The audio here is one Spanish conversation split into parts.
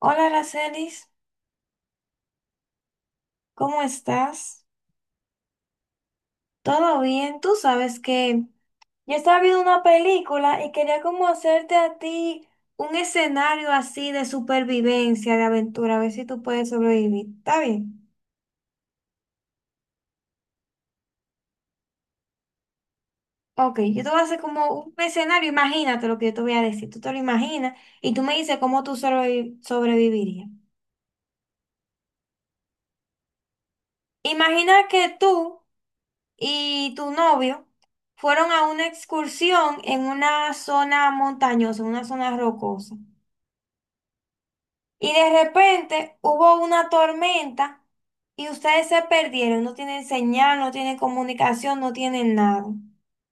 Hola, Aracelis, ¿cómo estás? ¿Todo bien? Tú sabes que yo estaba viendo una película y quería como hacerte a ti un escenario así de supervivencia, de aventura, a ver si tú puedes sobrevivir. ¿Está bien? Ok, yo te voy a hacer como un escenario, imagínate lo que yo te voy a decir, tú te lo imaginas y tú me dices cómo tú sobrevivirías. Imagina que tú y tu novio fueron a una excursión en una zona montañosa, en una zona rocosa. Y de repente hubo una tormenta y ustedes se perdieron. No tienen señal, no tienen comunicación, no tienen nada.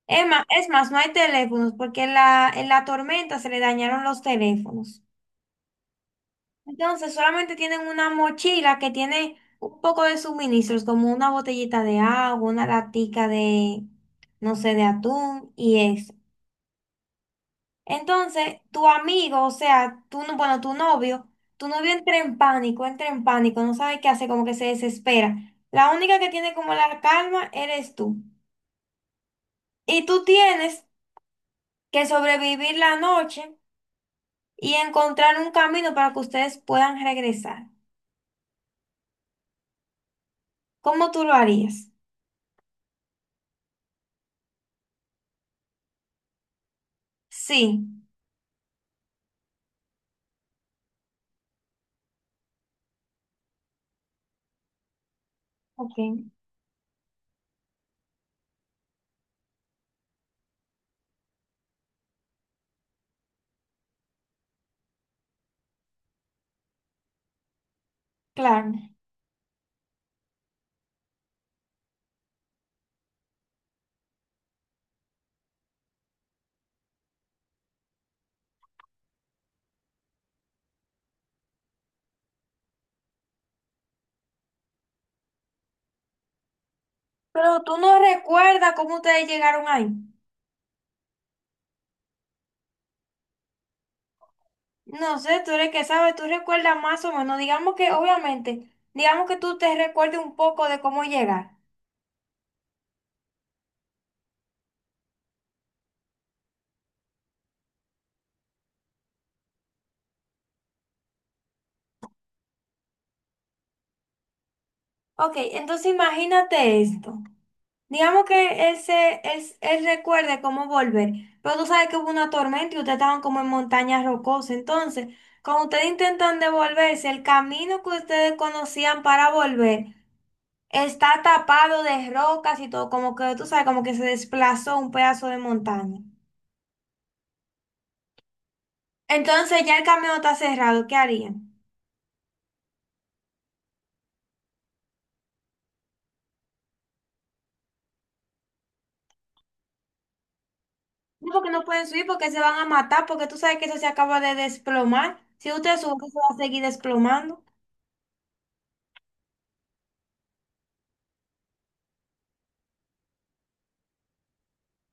Es más, no hay teléfonos porque en la tormenta se le dañaron los teléfonos. Entonces solamente tienen una mochila que tiene un poco de suministros, como una botellita de agua, una latica de, no sé, de atún y eso. Entonces, tu amigo, o sea, tú, no- bueno, tu novio entra en pánico, no sabe qué hacer, como que se desespera. La única que tiene como la calma eres tú. Y tú tienes que sobrevivir la noche y encontrar un camino para que ustedes puedan regresar. ¿Cómo tú lo harías? Sí, ok, claro. Pero tú no recuerdas cómo ustedes llegaron ahí. No sé, tú eres que sabes, tú recuerdas más o menos. Digamos que, obviamente, digamos que tú te recuerdes un poco de cómo llegar. Ok, entonces imagínate esto. Digamos que él se, él recuerde cómo volver, pero tú sabes que hubo una tormenta y ustedes estaban como en montañas rocosas. Entonces, cuando ustedes intentan devolverse, el camino que ustedes conocían para volver está tapado de rocas y todo, como que tú sabes, como que se desplazó un pedazo de montaña. Entonces ya el camino está cerrado, ¿qué harían? No, porque no pueden subir porque se van a matar, porque tú sabes que eso se acaba de desplomar. Si ustedes suben, eso va a seguir desplomando.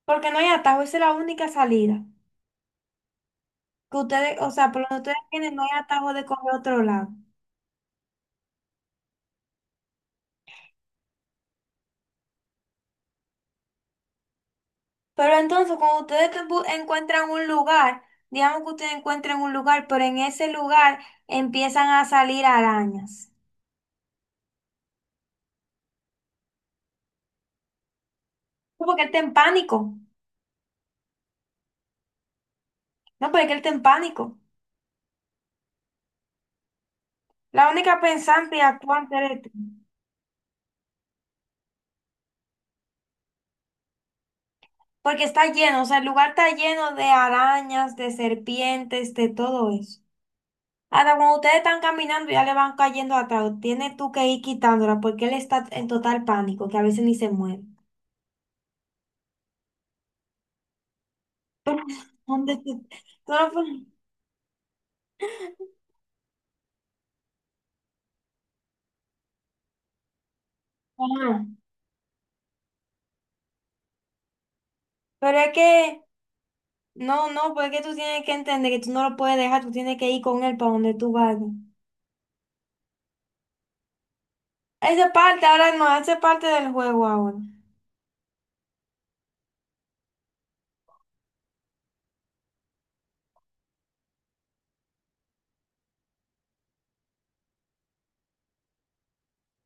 Porque no hay atajo, esa es la única salida. Que ustedes, o sea, por lo que ustedes tienen, no hay atajo de coger otro lado. Pero entonces, cuando ustedes encuentran un lugar, digamos que ustedes encuentren un lugar, pero en ese lugar empiezan a salir arañas. No, porque él está en pánico. No, porque él está en pánico. La única pensante y actuante eres tú. Porque está lleno, o sea, el lugar está lleno de arañas, de serpientes, de todo eso. Ahora, cuando ustedes están caminando, ya le van cayendo atrás. Tienes tú que ir quitándola porque él está en total pánico, que a veces ni se mueve. ¿Dónde tú? Tú no puedes- Ajá. Pero es que, no, no, porque tú tienes que entender que tú no lo puedes dejar, tú tienes que ir con él para donde tú vayas. Esa parte ahora no, esa es parte del juego ahora.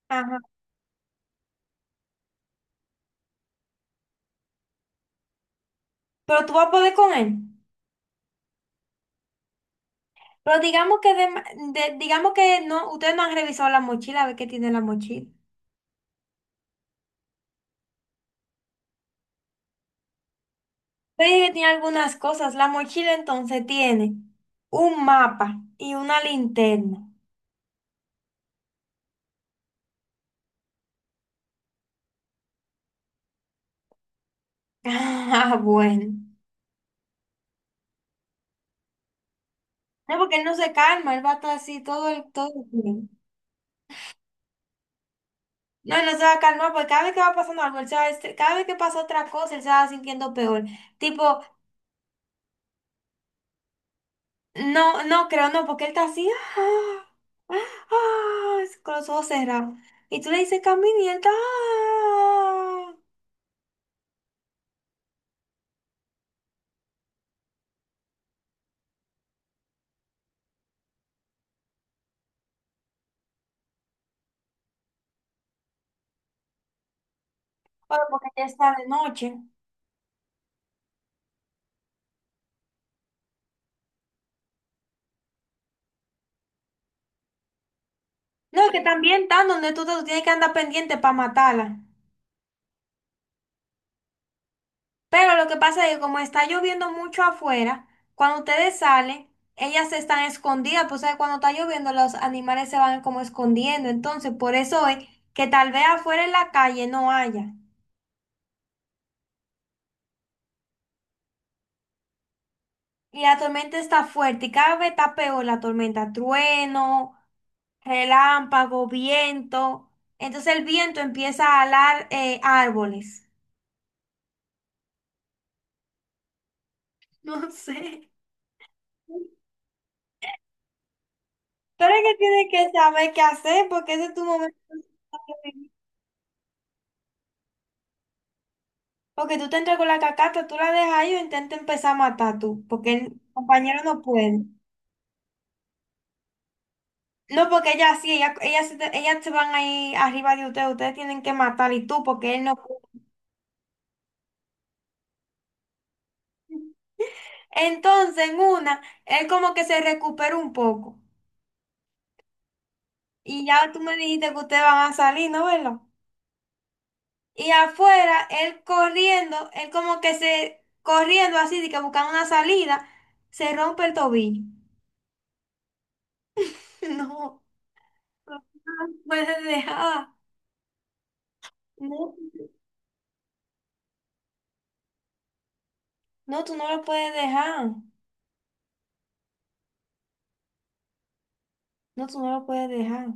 Ajá. Pero tú vas a poder con él. Pero digamos que, de, digamos que no, ustedes no han revisado la mochila, a ver qué tiene la mochila. Ustedes dicen que tiene algunas cosas. La mochila entonces tiene un mapa y una linterna. Ah, bueno. No, porque él no se calma, él va a estar así todo el tiempo. No, él no se va a calmar, porque cada vez que va pasando algo, él se va, cada vez que pasa otra cosa, él se va sintiendo peor. Tipo, no, no creo, no, porque él está así, ah, ah, ah, con los ojos cerrados. Y tú le dices camina y él está, ah. Bueno, porque ya está de noche. No, que también están donde tú tienes que andar pendiente para matarla. Pero lo que pasa es que como está lloviendo mucho afuera, cuando ustedes salen, ellas están escondidas, pues ¿sabes? Cuando está lloviendo los animales se van como escondiendo. Entonces, por eso es que tal vez afuera en la calle no haya. Y la tormenta está fuerte y cada vez está peor la tormenta. Trueno, relámpago, viento. Entonces el viento empieza a alar árboles. No sé. Pero es que tienes que saber qué hacer porque ese es tu momento. Porque tú te entras con la cacata, tú la dejas ahí o intenta empezar a matar tú. Porque el compañero no puede. No, porque ella sí, ella se, te- ellas se van ahí arriba de ustedes. Ustedes tienen que matar y tú porque él no puede. Entonces, en una, él como que se recuperó un poco. Y ya tú me dijiste que ustedes van a salir, ¿no, verdad? Y afuera, él corriendo, él como que se, corriendo así, de que buscando una salida, se rompe el tobillo. No, no lo puedes dejar. No, no, tú no lo puedes dejar. No, tú no lo puedes dejar.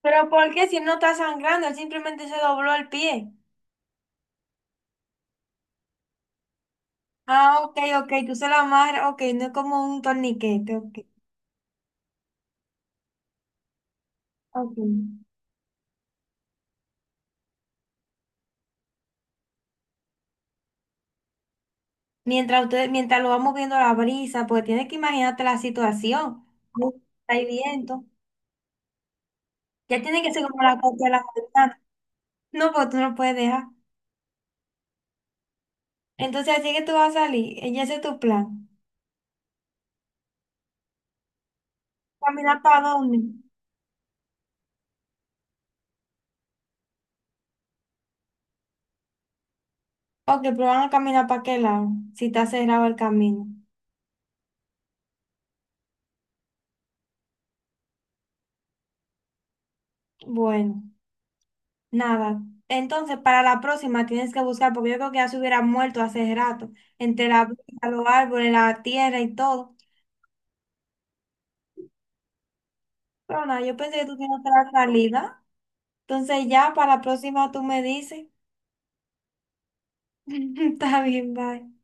Pero ¿por qué si él no está sangrando? Él simplemente se dobló el pie. Ah, ok, ok, tú se lo amarras, ok, no es como un torniquete, ok. Ok. Mientras ustedes, mientras lo va moviendo la brisa, porque tienes que imaginarte la situación. Hay viento. Ya tiene que ser como la cosa de la ventana. No, porque tú no lo puedes dejar. Entonces, así que tú vas a salir. Y ese es tu plan. ¿Caminar para dónde? Ok, pero van a caminar para qué lado, si está cerrado el camino. Bueno, nada. Entonces, para la próxima tienes que buscar, porque yo creo que ya se hubiera muerto hace rato, entre la brisa, los árboles, la tierra y todo. Pero nada, yo pensé que tú tienes otra salida. Entonces ya para la próxima tú me dices. Está bien, bye.